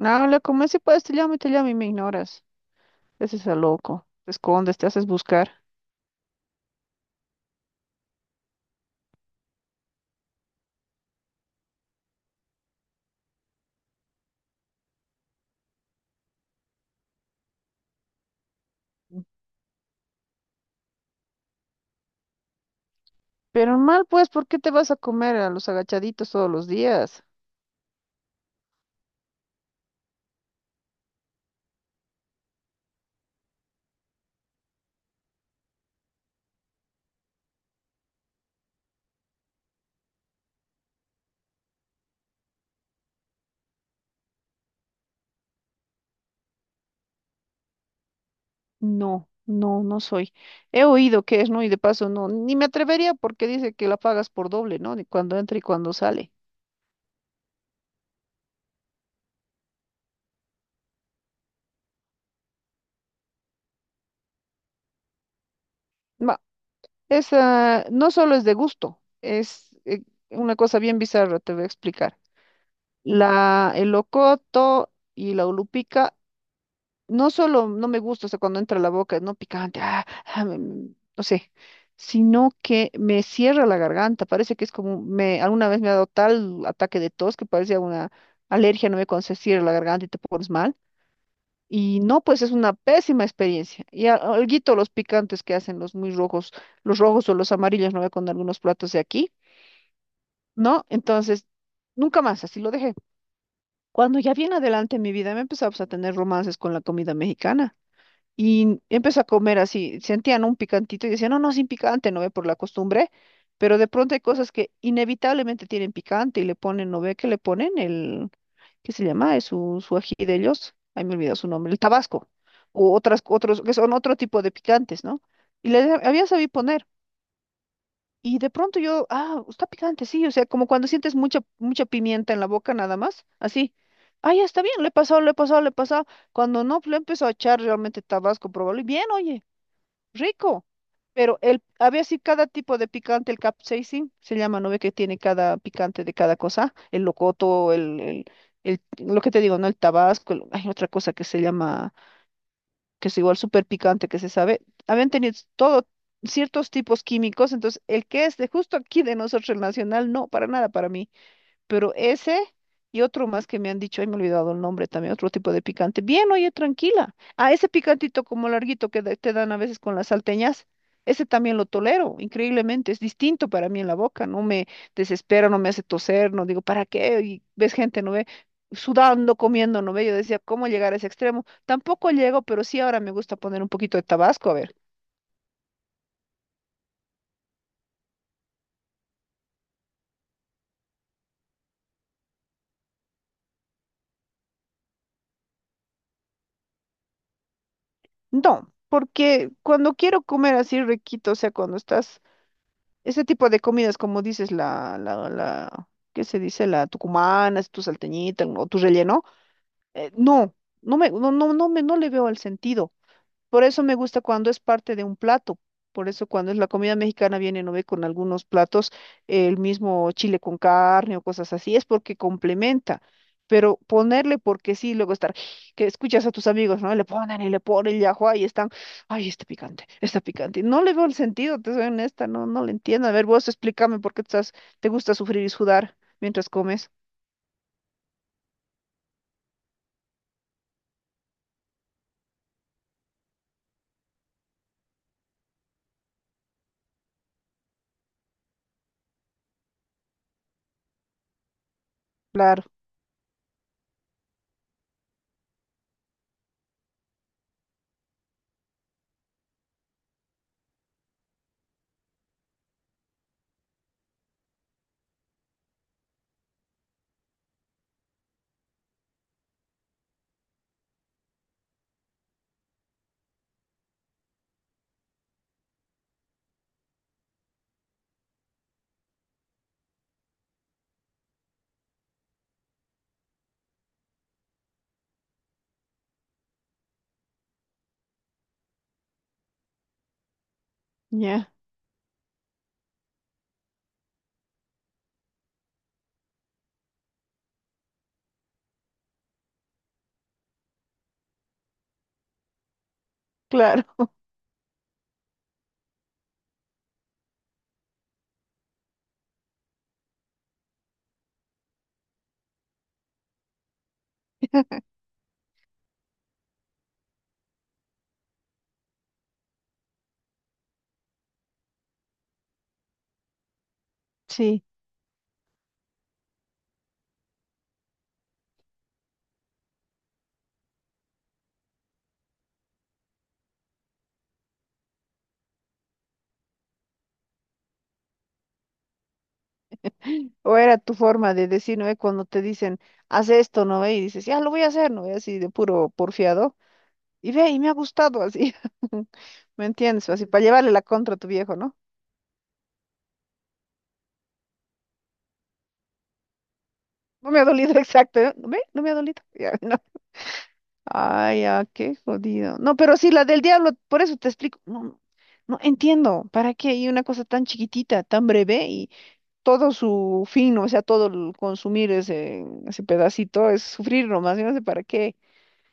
Habla, como si puedes, te llamo y me ignoras. Ese es el loco. Te escondes, te haces buscar. Pero mal, pues, ¿por qué te vas a comer a los agachaditos todos los días? No, no, no soy. He oído que es, ¿no? Y de paso, no, ni me atrevería porque dice que la pagas por doble, ¿no? Ni cuando entra y cuando sale. Ma, esa no solo es de gusto, es una cosa bien bizarra, te voy a explicar. La, el locoto y la ulupica. No solo no me gusta, o sea, cuando entra a la boca, no picante, ah, ah, no sé, sino que me cierra la garganta, parece que es como, me, alguna vez me ha dado tal ataque de tos que parecía una alergia, no me cuando se cierra la garganta y te pones mal. Y no, pues es una pésima experiencia. Y alguito los picantes que hacen los muy rojos, los rojos o los amarillos, no ve con algunos platos de aquí, ¿no? Entonces, nunca más, así lo dejé. Cuando ya bien adelante en mi vida me empezaba pues, a tener romances con la comida mexicana. Y empecé a comer así, sentían un picantito y decían, no, no, sin picante, no ve por la costumbre, pero de pronto hay cosas que inevitablemente tienen picante y le ponen, no ve que le ponen el, ¿qué se llama? Es su, su ají de ellos, ahí me olvidó su nombre, el tabasco, o otras, otros, que son otro tipo de picantes, ¿no? Y le había sabido poner. Y de pronto yo, ah, está picante, sí, o sea, como cuando sientes mucha, mucha pimienta en la boca nada más, así. Ah, ya está bien, le he pasado, le he pasado, le he pasado. Cuando no, pues, le empezó a echar realmente tabasco, probable. Y bien, oye, rico. Pero el, había así cada tipo de picante, el capsaicin, se llama, ¿no ve que tiene cada picante de cada cosa? El locoto, el- lo que te digo, ¿no? El tabasco, hay otra cosa que se llama, que es igual súper picante que se sabe, habían tenido todo ciertos tipos químicos, entonces el que es de justo aquí de nosotros el nacional, no, para nada para mí. Pero ese y otro más que me han dicho, ay, me he olvidado el nombre también, otro tipo de picante. Bien, oye, tranquila. Ah, ese picantito como larguito que te dan a veces con las salteñas, ese también lo tolero, increíblemente. Es distinto para mí en la boca, no me desespera, no me hace toser, no digo, ¿para qué? Y ves gente, ¿no ve? Sudando, comiendo, ¿no ve? Yo decía, ¿cómo llegar a ese extremo? Tampoco llego, pero sí ahora me gusta poner un poquito de tabasco, a ver. No, porque cuando quiero comer así riquito, o sea, cuando estás ese tipo de comidas, como dices, ¿qué se dice? La tucumana, tu salteñita o tu relleno, no, no, no le veo el sentido. Por eso me gusta cuando es parte de un plato. Por eso cuando es la comida mexicana viene, no ve, con algunos platos el mismo chile con carne o cosas así, es porque complementa. Pero ponerle porque sí, luego estar, que escuchas a tus amigos, ¿no? Le ponen y ajua, y están, ay, está picante, está picante. No le veo el sentido, te soy honesta, no, no le entiendo. A ver, vos explícame por qué estás, te gusta sufrir y sudar mientras comes. Claro, ya, claro, sí. ¿O era tu forma de decir, no ve? Cuando te dicen, haz esto, ¿no ve? Y dices, ya lo voy a hacer, ¿no ve? Así de puro porfiado. Y ve, y me ha gustado así. ¿Me entiendes? Así para llevarle la contra a tu viejo, ¿no? No me ha dolido, exacto. ¿Eh? ¿Ve? No me ha dolido. Ya, no. Ay, ya, qué jodido. No, pero sí, la del diablo, por eso te explico. No, no, no entiendo. ¿Para qué? Y una cosa tan chiquitita, tan breve, y todo su fin, o sea, todo el consumir ese, ese pedacito es sufrir nomás. Yo no sé para qué.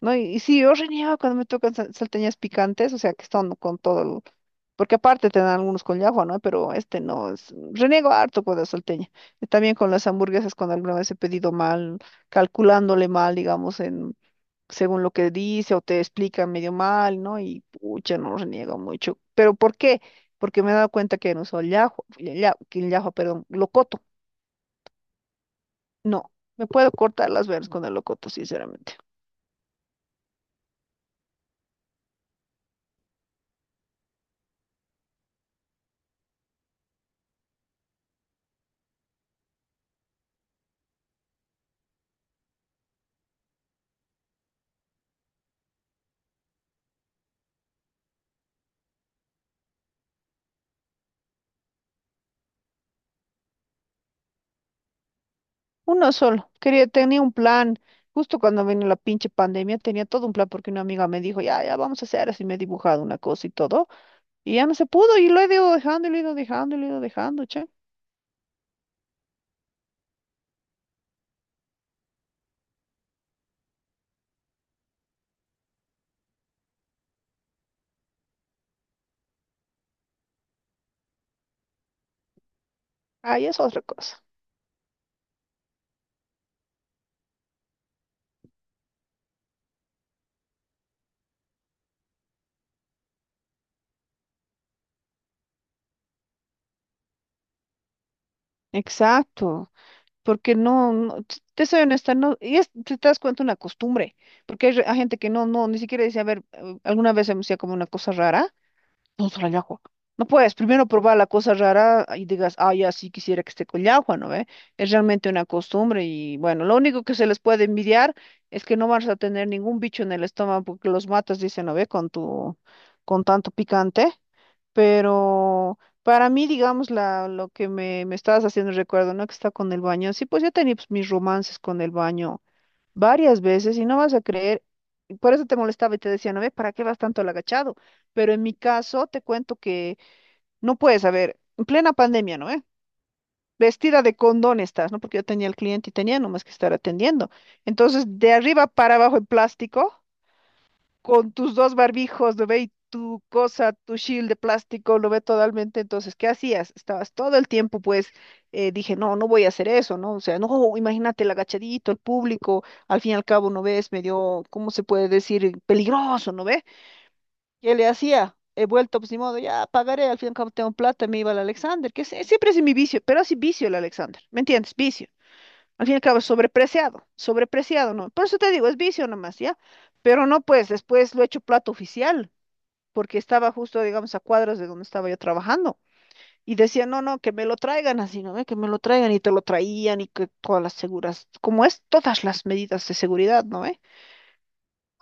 No, y sí, yo reniego cuando me tocan salteñas picantes, o sea, que están con todo el... Porque aparte te dan algunos con llajua, ¿no? Pero este no, es... reniego harto con la salteña. Y también con las hamburguesas, cuando alguna vez he pedido mal, calculándole mal, digamos, en... según lo que dice o te explican medio mal, ¿no? Y pucha, no reniego mucho. ¿Pero por qué? Porque me he dado cuenta que no uso llajua, lla- lla- que llajua, perdón, locoto. No, me puedo cortar las venas con el locoto, sinceramente. Uno solo. Quería, tenía un plan. Justo cuando vino la pinche pandemia, tenía todo un plan porque una amiga me dijo, ya, ya vamos a hacer así, me he dibujado una cosa y todo. Y ya no se pudo y lo he ido dejando y lo he ido dejando y lo he ido dejando, che. Ahí es otra cosa. Exacto. Porque no, no, te soy honesta, no, y es, si te das cuenta una costumbre, porque hay, hay gente que no, no, ni siquiera dice, a ver, alguna vez se me hacía como una cosa rara. No solo el agua. No puedes primero probar la cosa rara y digas, ah, ya sí quisiera que esté con agua, ¿no ve? Es realmente una costumbre y bueno, lo único que se les puede envidiar es que no vas a tener ningún bicho en el estómago porque los matas, dicen, ¿no ve? Con tu, con tanto picante. Pero para mí, digamos, la, lo que me estabas haciendo recuerdo, ¿no? Que está con el baño. Sí, pues yo tenía pues, mis romances con el baño varias veces y no vas a creer, y por eso te molestaba y te decía, no ve, ¿para qué vas tanto al agachado? Pero en mi caso te cuento que no puedes, a ver, en plena pandemia, ¿no ve? Vestida de condón estás, ¿no? Porque yo tenía el cliente y tenía nomás que estar atendiendo. Entonces, de arriba para abajo en plástico con tus dos barbijos, lo ve y tu cosa, tu shield de plástico, lo ve totalmente. Entonces, ¿qué hacías? Estabas todo el tiempo, pues, dije, no, no voy a hacer eso, ¿no? O sea, no, imagínate el agachadito, el público, al fin y al cabo, ¿no ves? Medio, ¿cómo se puede decir? Peligroso, ¿no ve? ¿Qué le hacía? He vuelto, pues, ni modo, ya pagaré, al fin y al cabo tengo plata, me iba al Alexander, que siempre es mi vicio, pero así vicio el Alexander, ¿me entiendes? Vicio. Al fin y al cabo es sobrepreciado, sobrepreciado, ¿no? Por eso te digo, es vicio nomás, ¿ya? Pero no, pues después lo he hecho plato oficial, porque estaba justo, digamos, a cuadras de donde estaba yo trabajando. Y decía, no, no, que me lo traigan así, ¿no ve? Que me lo traigan y te lo traían y que todas las seguras, como es, todas las medidas de seguridad, ¿no?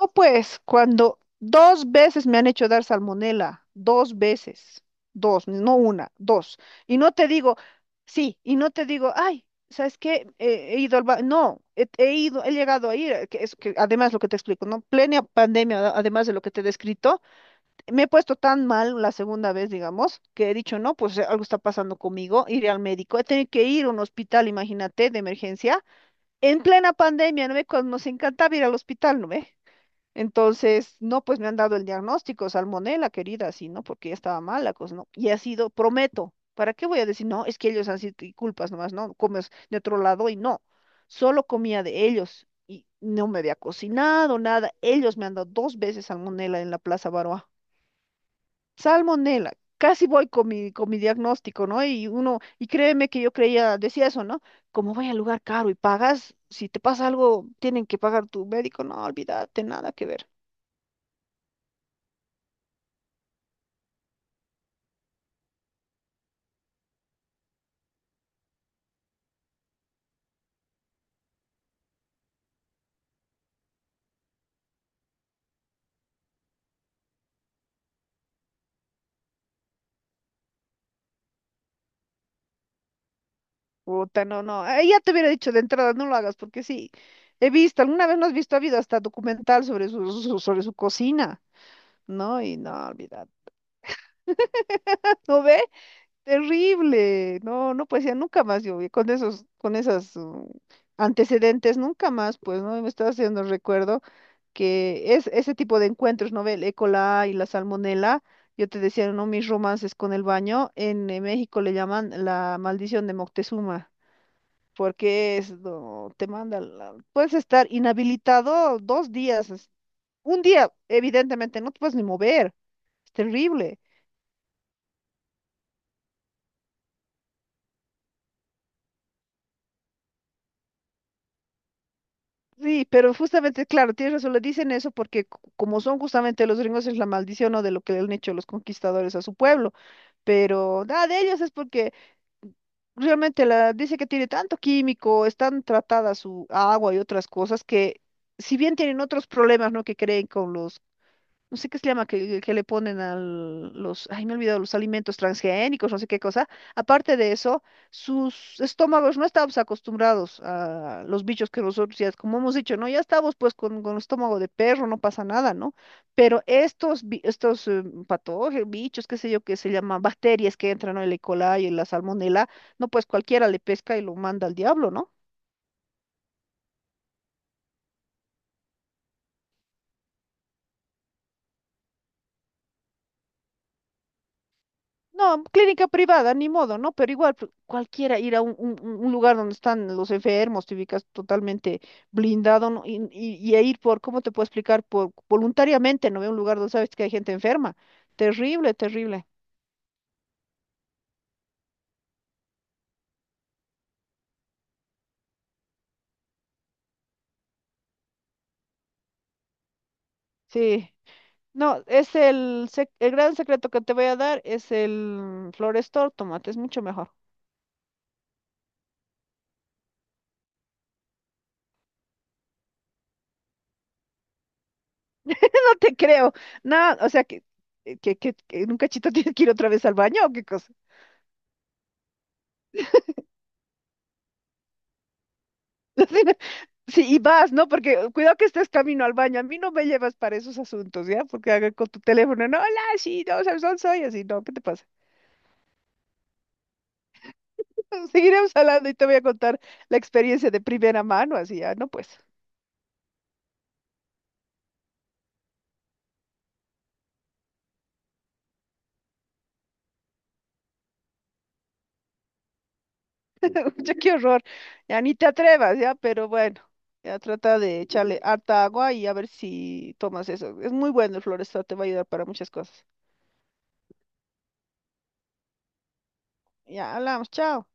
no, pues, cuando dos veces me han hecho dar salmonela, dos veces, dos, no una, dos. Y no te digo, sí, y no te digo, ay, ¿sabes qué? He ido al ba-". No, he, he ido, he llegado a ir, que es que además lo que te explico, ¿no? Plena pandemia, además de lo que te he descrito, me he puesto tan mal la segunda vez, digamos, que he dicho, no, pues algo está pasando conmigo, iré al médico, he tenido que ir a un hospital, imagínate, de emergencia, en plena pandemia, ¿no ve? Cuando nos encantaba ir al hospital, ¿no ve? Entonces, no, pues me han dado el diagnóstico, salmonela, querida, sí, ¿no? Porque ya estaba mala, pues, ¿no? Y ha sido, prometo, ¿para qué voy a decir, no, es que ellos han sido y culpas nomás, no, comes de otro lado y no, solo comía de ellos y no me había cocinado nada, ellos me han dado dos veces salmonela en la Plaza Baroa. Salmonela, casi voy con mi diagnóstico, ¿no? Y uno, y créeme que yo creía, decía eso, ¿no? Como voy al lugar caro y pagas, si te pasa algo, tienen que pagar tu médico, no, olvídate, nada que ver. Puta, no, no. Ahí ya te hubiera dicho de entrada, no lo hagas, porque sí, he visto, alguna vez no has visto, ha habido hasta documental sobre su, sobre su cocina, ¿no? Y no, olvidad. ¿No ve? Terrible. No, no, pues ya nunca más yo, vi con esos, con esas antecedentes, nunca más, pues, ¿no? Me estaba haciendo recuerdo que es ese tipo de encuentros, ¿no ve? El E. coli y la salmonela. Yo te decía, ¿no? Mis romances con el baño. En México le llaman la maldición de Moctezuma. Porque es, no, te manda, puedes estar inhabilitado 2 días, 1 día, evidentemente, no te puedes ni mover, es terrible. Sí, pero justamente, claro, tienes razón, le dicen eso porque como son justamente los gringos es la maldición o de lo que le han hecho los conquistadores a su pueblo, pero nada de ellos es porque realmente la, dice que tiene tanto químico, están tratadas su agua y otras cosas que si bien tienen otros problemas, ¿no? Que creen con los no sé qué se llama, que le ponen a los, ay, me he olvidado, los alimentos transgénicos, no sé qué cosa. Aparte de eso, sus estómagos no estábamos acostumbrados a los bichos que nosotros, ya, como hemos dicho, ¿no? Ya estábamos pues con estómago de perro, no pasa nada, ¿no? Pero estos, estos patógenos, bichos, qué sé yo, que se llaman bacterias que entran, ¿no? El E. coli, y la salmonela, no, pues cualquiera le pesca y lo manda al diablo, ¿no? No, clínica privada, ni modo, ¿no? Pero igual, cualquiera ir a un, lugar donde están los enfermos, te ubicas totalmente blindado, ¿no? Y, y a ir por, ¿cómo te puedo explicar? Por voluntariamente, ¿no? Ve un lugar donde sabes que hay gente enferma. Terrible, terrible. Sí. No, es el, el gran secreto que te voy a dar, es el Florestor, tómate, es mucho mejor. No te creo. No, o sea que, que en un cachito tienes que ir otra vez al baño o qué cosa. Sí, y vas, ¿no? Porque cuidado que estés camino al baño. A mí no me llevas para esos asuntos, ¿ya? Porque haga con tu teléfono, no, hola, sí, no, sabes dónde soy, así, no, ¿qué te pasa? Seguiremos hablando y te voy a contar la experiencia de primera mano, así, ya, no, pues, ya qué horror, ya ni te atrevas, ¿ya? Pero bueno, ya trata de echarle harta agua y a ver si tomas eso. Es muy bueno el Florestal, te va a ayudar para muchas cosas. Ya, hablamos, chao.